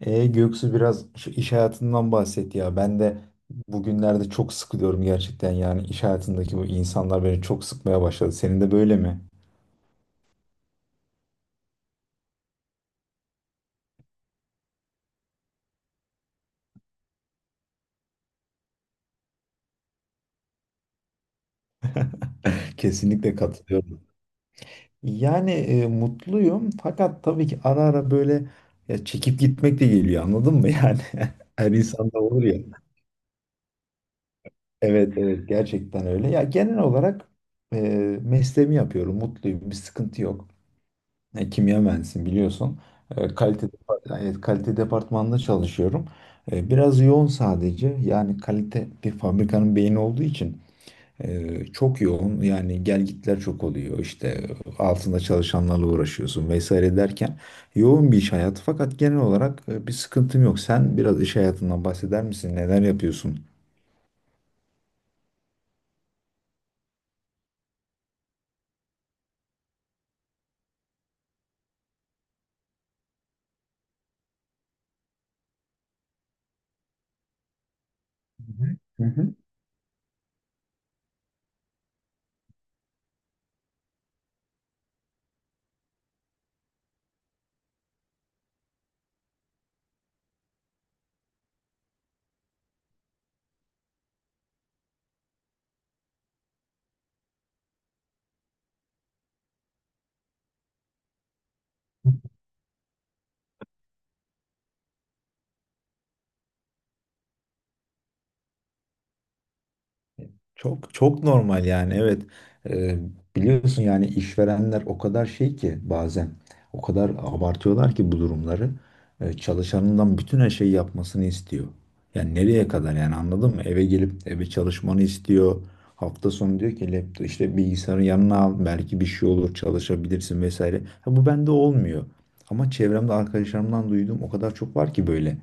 Göksu biraz şu iş hayatından bahset ya. Ben de bugünlerde çok sıkılıyorum gerçekten. Yani iş hayatındaki bu insanlar beni çok sıkmaya başladı. Senin de böyle mi? Kesinlikle katılıyorum. Yani mutluyum, fakat tabii ki ara ara böyle ya çekip gitmek de geliyor, anladın mı yani? Her insanda olur ya. Evet, evet, gerçekten öyle. Ya genel olarak e, mesleğimi yapıyorum, mutluyum, bir sıkıntı yok. Kimya mühendisiyim, biliyorsun. E, kalite evet, kalite departmanında çalışıyorum. Biraz yoğun sadece. Yani kalite bir fabrikanın beyni olduğu için çok yoğun. Yani gelgitler çok oluyor. İşte altında çalışanlarla uğraşıyorsun vesaire derken yoğun bir iş hayatı. Fakat genel olarak bir sıkıntım yok. Sen biraz iş hayatından bahseder misin? Neler yapıyorsun? Hı hı. Hı hı. Çok çok normal yani, evet. Ee, Biliyorsun, yani işverenler o kadar şey ki bazen, o kadar abartıyorlar ki bu durumları. Çalışanından bütün her şeyi yapmasını istiyor. Yani nereye kadar, yani, anladın mı? Eve gelip eve çalışmanı istiyor. Hafta sonu diyor ki laptop, işte bilgisayarı yanına al, belki bir şey olur çalışabilirsin vesaire. Ha, bu bende olmuyor. Ama çevremde arkadaşlarımdan duyduğum o kadar çok var ki böyle.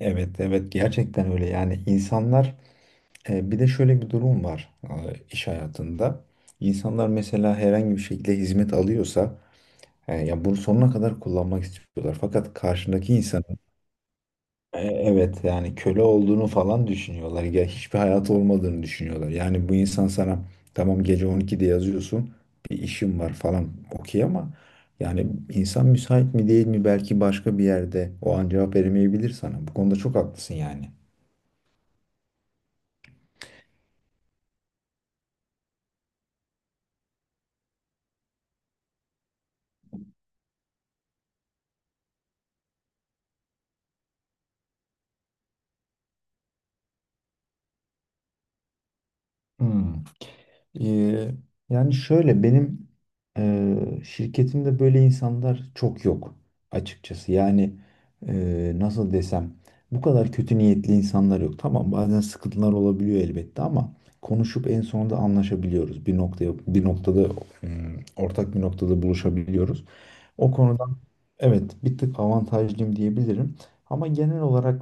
Evet, evet, gerçekten öyle, yani insanlar. Bir de şöyle bir durum var, iş hayatında. İnsanlar mesela herhangi bir şekilde hizmet alıyorsa, ya bunu sonuna kadar kullanmak istiyorlar. Fakat karşındaki insanın, evet, yani köle olduğunu falan düşünüyorlar. Ya hiçbir hayatı olmadığını düşünüyorlar. Yani bu insan sana, tamam, gece 12'de yazıyorsun, bir işim var falan, okey, ama yani insan müsait mi değil mi, belki başka bir yerde o an cevap veremeyebilir sana. Bu konuda çok haklısın, yani. Hmm. Ee, yani şöyle, benim şirketimde böyle insanlar çok yok açıkçası. Yani nasıl desem, bu kadar kötü niyetli insanlar yok. Tamam, bazen sıkıntılar olabiliyor elbette, ama konuşup en sonunda anlaşabiliyoruz. Bir noktada, ortak bir noktada buluşabiliyoruz. O konudan, evet, bir tık avantajlıyım diyebilirim. Ama genel olarak,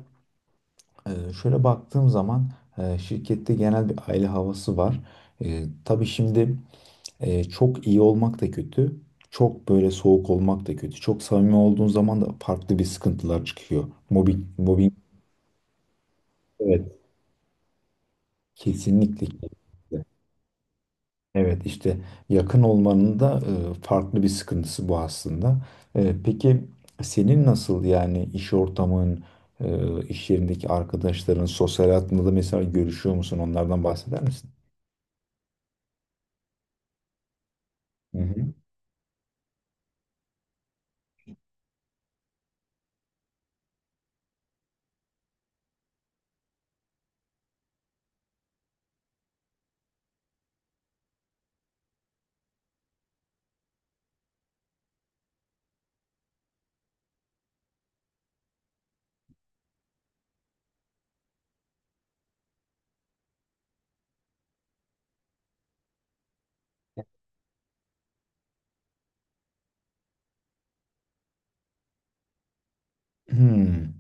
e, şöyle baktığım zaman, şirkette genel bir aile havası var. Tabii şimdi. Çok iyi olmak da kötü. Çok böyle soğuk olmak da kötü. Çok samimi olduğun zaman da farklı bir sıkıntılar çıkıyor. Mobbing, mobbing, evet, kesinlikle. Kesinlikle. Evet, işte yakın olmanın da farklı bir sıkıntısı bu aslında. Peki senin nasıl, yani iş ortamın, iş yerindeki arkadaşların, sosyal hayatında da mesela görüşüyor musun? Onlardan bahseder misin? Hı hı. Hmm,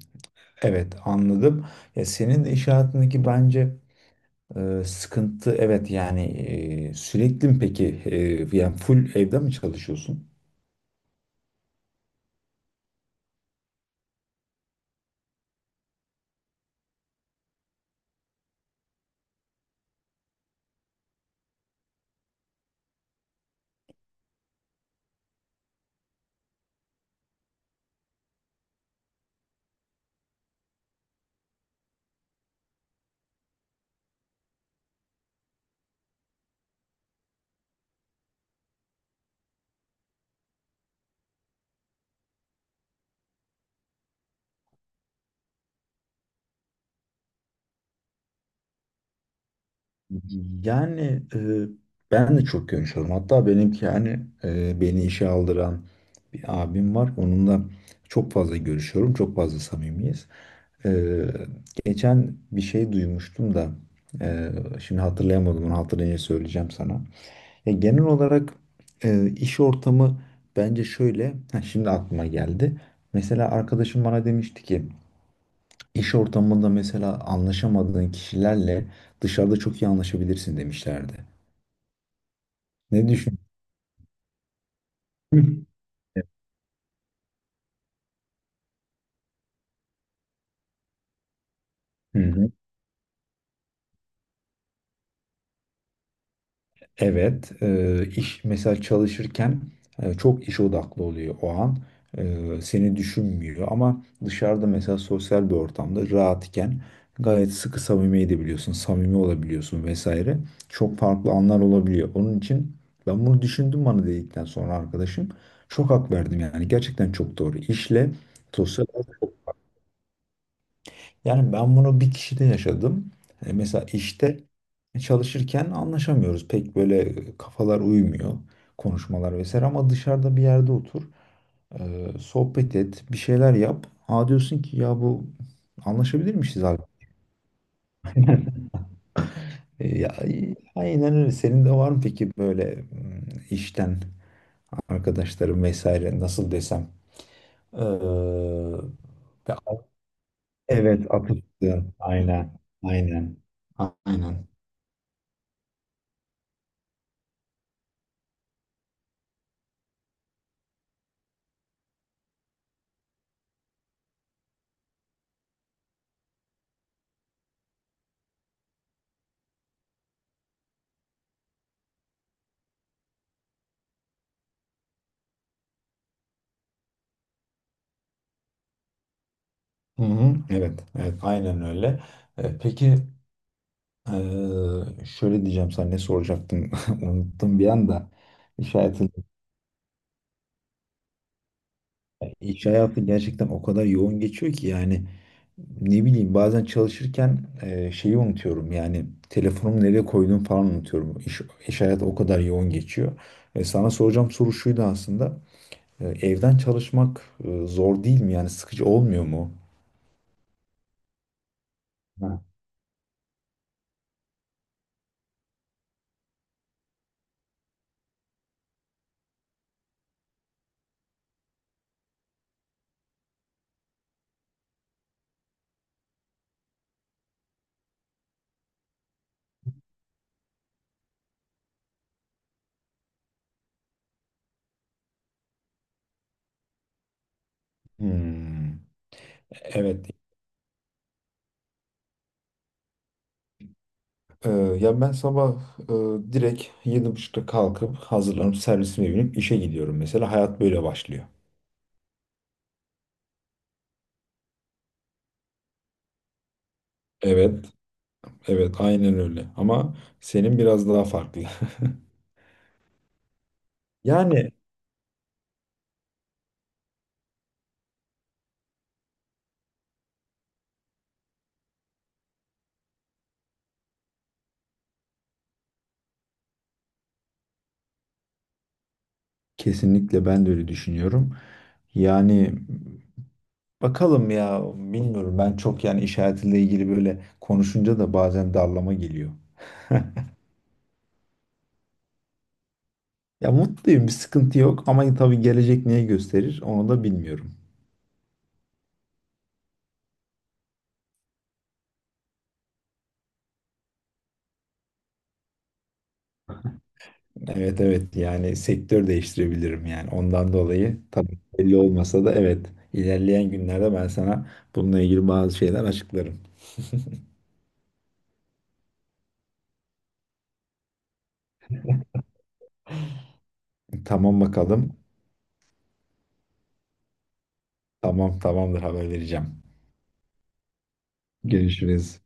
evet, anladım. Ya senin de iş hayatındaki bence, sıkıntı, evet yani sürekli mi peki, yani full evde mi çalışıyorsun? Yani ben de çok görüşüyorum. Hatta benimki, yani beni işe aldıran bir abim var. Onunla çok fazla görüşüyorum. Çok fazla samimiyiz. E, Geçen bir şey duymuştum da e, şimdi hatırlayamadım. Onu hatırlayınca söyleyeceğim sana. Genel olarak iş ortamı, bence şöyle. Ha, şimdi aklıma geldi. Mesela arkadaşım bana demişti ki, İş ortamında mesela anlaşamadığın kişilerle dışarıda çok iyi anlaşabilirsin demişlerdi. Ne düşün? Hı hı. Evet, iş mesela çalışırken çok iş odaklı oluyor o an. Seni düşünmüyor, ama dışarıda mesela sosyal bir ortamda rahatken gayet sıkı samimi edebiliyorsun, samimi olabiliyorsun vesaire. Çok farklı anlar olabiliyor. Onun için ben bunu düşündüm, bana dedikten sonra arkadaşım, çok hak verdim yani, gerçekten çok doğru. İşle sosyal hayat, yani ben bunu bir kişide yaşadım. Mesela işte çalışırken anlaşamıyoruz. Pek böyle kafalar uymuyor. Konuşmalar vesaire, ama dışarıda bir yerde otur, sohbet et. Bir şeyler yap. Ha, diyorsun ki ya bu anlaşabilir miyiz abi? Ya, aynen öyle. Senin de var mı peki böyle, işten arkadaşların vesaire, nasıl desem? Ee, ve- evet atıştığın. Aynen. Aynen. Aynen. Hı hı, evet, evet, aynen öyle. Peki, şöyle diyeceğim sana, ne soracaktım unuttum bir anda. İş hayatı, iş hayatı gerçekten o kadar yoğun geçiyor ki yani, ne bileyim bazen çalışırken şeyi unutuyorum, yani telefonumu nereye koyduğumu falan unutuyorum. İş hayatı o kadar yoğun geçiyor. Sana soracağım soru şuydu aslında. Evden çalışmak zor değil mi? Yani sıkıcı olmuyor mu? Ha. Hmm, evet Ee, ya ben sabah direkt 7.30'da kalkıp hazırlanıp servisime binip işe gidiyorum. Mesela hayat böyle başlıyor. Evet, evet, aynen öyle. Ama senin biraz daha farklı. Yani kesinlikle ben de öyle düşünüyorum. Yani bakalım ya, bilmiyorum, ben çok yani iş hayatıyla ilgili böyle konuşunca da bazen darlama geliyor. Ya mutluyum, bir sıkıntı yok, ama tabii gelecek neyi gösterir onu da bilmiyorum. Evet, evet, yani sektör değiştirebilirim, yani ondan dolayı, tabii belli olmasa da, evet, ilerleyen günlerde ben sana bununla ilgili bazı şeyler açıklarım. Tamam, bakalım. Tamam, tamamdır, haber vereceğim. Görüşürüz.